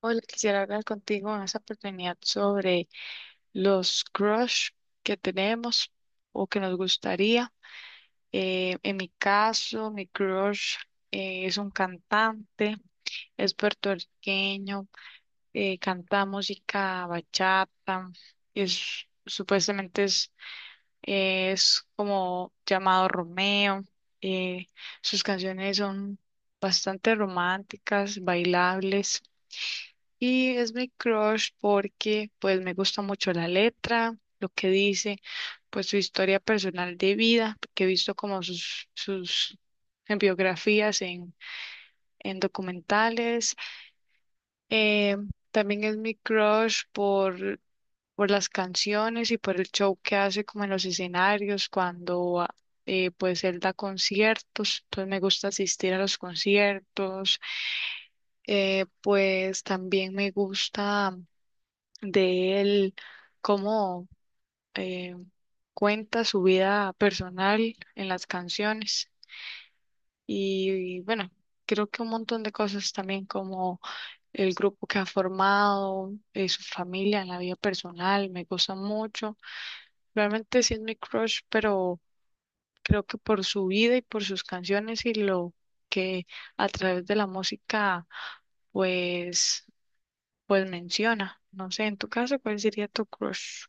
Hola, quisiera hablar contigo en esta oportunidad sobre los crush que tenemos o que nos gustaría. En mi caso, mi crush es un cantante, es puertorriqueño, canta música bachata, supuestamente es como llamado Romeo. eh, Sus canciones son bastante románticas, bailables. Y es mi crush porque pues me gusta mucho la letra, lo que dice, pues su historia personal de vida, que he visto como sus en biografías, en, en documentales. Eh, También es mi crush por las canciones y por el show que hace como en los escenarios cuando pues él da conciertos, entonces me gusta asistir a los conciertos. Pues también me gusta de él, cómo eh, cuenta su vida personal en las canciones y, bueno, creo que un montón de cosas también como el grupo que ha formado, su familia en la vida personal, me gusta mucho. Realmente sí es mi crush, pero creo que por su vida y por sus canciones y lo que a través de la música pues pues menciona. No sé, en tu caso, ¿cuál sería tu crush?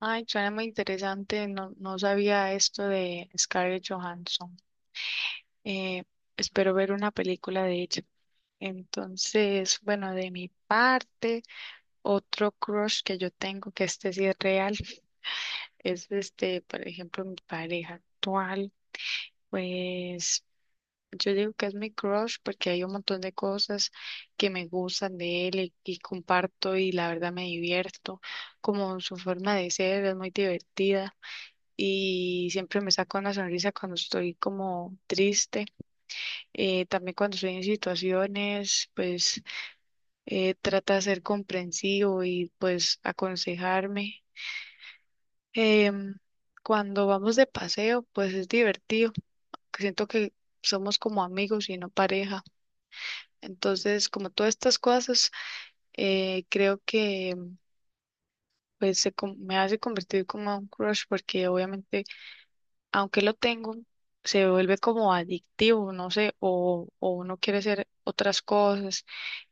Ay, suena muy interesante. No sabía esto de Scarlett Johansson. Eh, Espero ver una película de ella. Entonces, bueno, de mi parte, otro crush que yo tengo, que este sí es real, es este, por ejemplo, mi pareja actual. Pues yo digo que es mi crush porque hay un montón de cosas que me gustan de él y comparto y la verdad me divierto. Como su forma de ser es muy divertida. Y siempre me saca una sonrisa cuando estoy como triste. También cuando estoy en situaciones, pues trata de ser comprensivo y pues aconsejarme. Em, Cuando vamos de paseo, pues es divertido. Que Siento que somos como amigos y no pareja. Entonces, como todas estas cosas, creo que pues me hace convertir como un crush porque obviamente aunque lo tengo, se vuelve como adictivo, no sé, o uno quiere hacer otras cosas.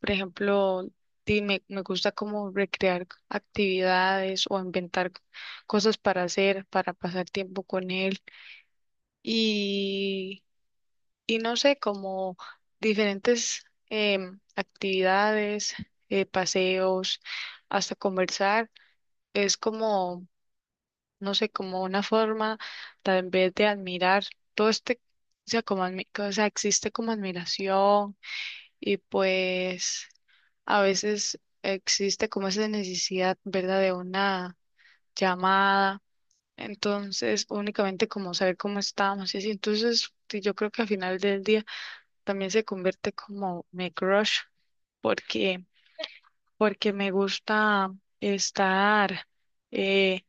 Por ejemplo, me gusta como recrear actividades o inventar cosas para hacer, para pasar tiempo con él. Y, y no sé, como diferentes actividades, paseos, hasta conversar. Es como no sé, como una forma tal vez de admirar todo este, o sea, o sea, existe como admiración y pues a veces existe como esa necesidad, ¿verdad?, de una llamada. Entonces, únicamente como saber cómo estamos y así. Entonces, sí, yo creo que al final del día también se convierte como mi crush porque porque me gusta estar eh,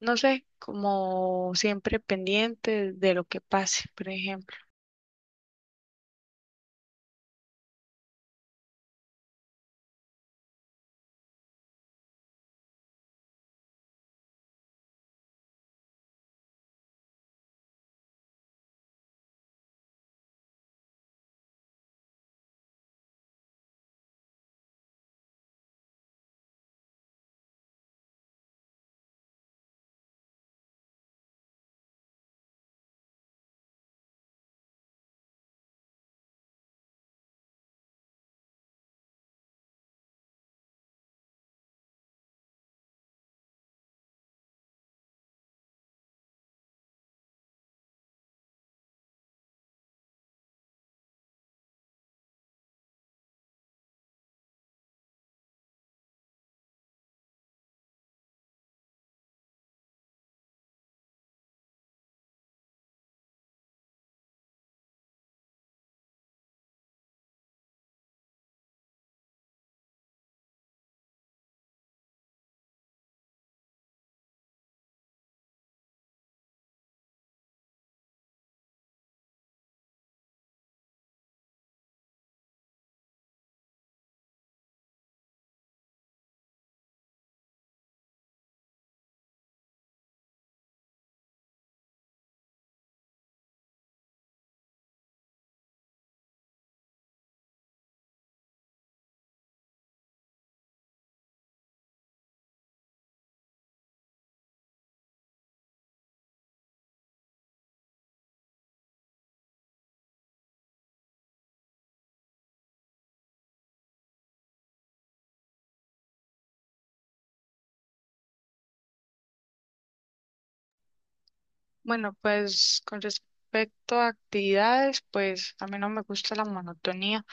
no sé, como siempre pendiente de lo que pase, por ejemplo. Bueno, pues con respecto a actividades, pues a mí no me gusta la monotonía,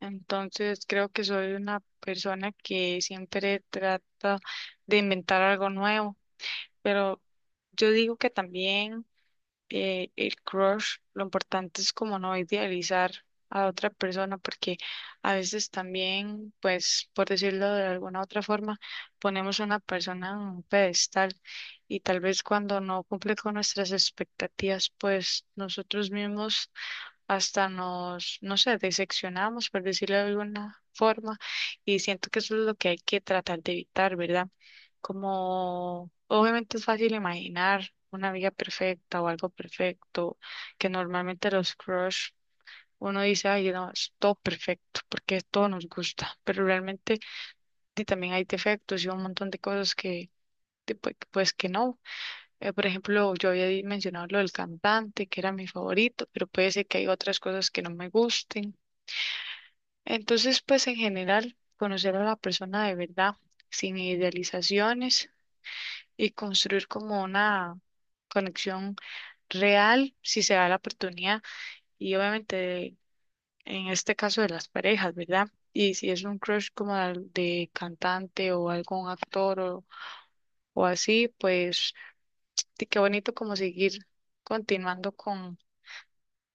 entonces creo que soy una persona que siempre trata de inventar algo nuevo, pero yo digo que también... el crush, lo importante es como no idealizar a otra persona, porque a veces también, pues, por decirlo de alguna otra forma, ponemos a una persona en un pedestal y tal vez cuando no cumple con nuestras expectativas, pues nosotros mismos hasta nos, no sé, diseccionamos, por decirlo de alguna forma, y siento que eso es lo que hay que tratar de evitar, ¿verdad? Como obviamente es fácil imaginar una vida perfecta o algo perfecto, que normalmente los crush, uno dice, ay, no, es todo perfecto, porque todo nos gusta, pero realmente sí, también hay defectos y un montón de cosas que, de- pues que no. Por ejemplo, yo había mencionado lo del cantante, que era mi favorito, pero puede ser que hay otras cosas que no me gusten. Entonces, pues en general, conocer a la persona de verdad, sin idealizaciones y construir como una conexión real, si se da la oportunidad, y obviamente en este caso de las parejas, ¿verdad? Y si es un crush como de cantante o algún actor o así, pues sí, qué bonito como seguir continuando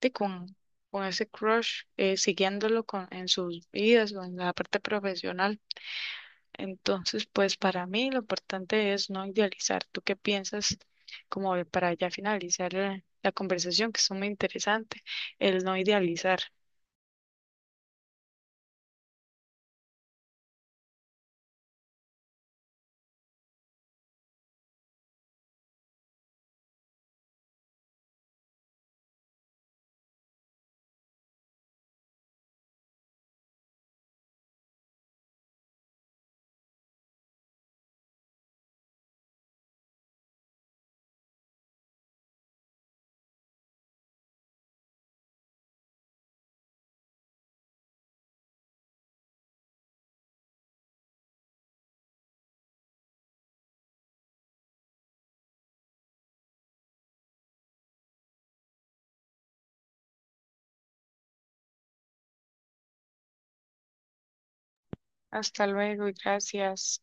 sí, con ese crush, siguiéndolo con, en sus vidas o en la parte profesional. Entonces, pues para mí lo importante es no idealizar. ¿Tú qué piensas como para ya finalizar la conversación, que es muy interesante, el no idealizar? Hasta luego y gracias.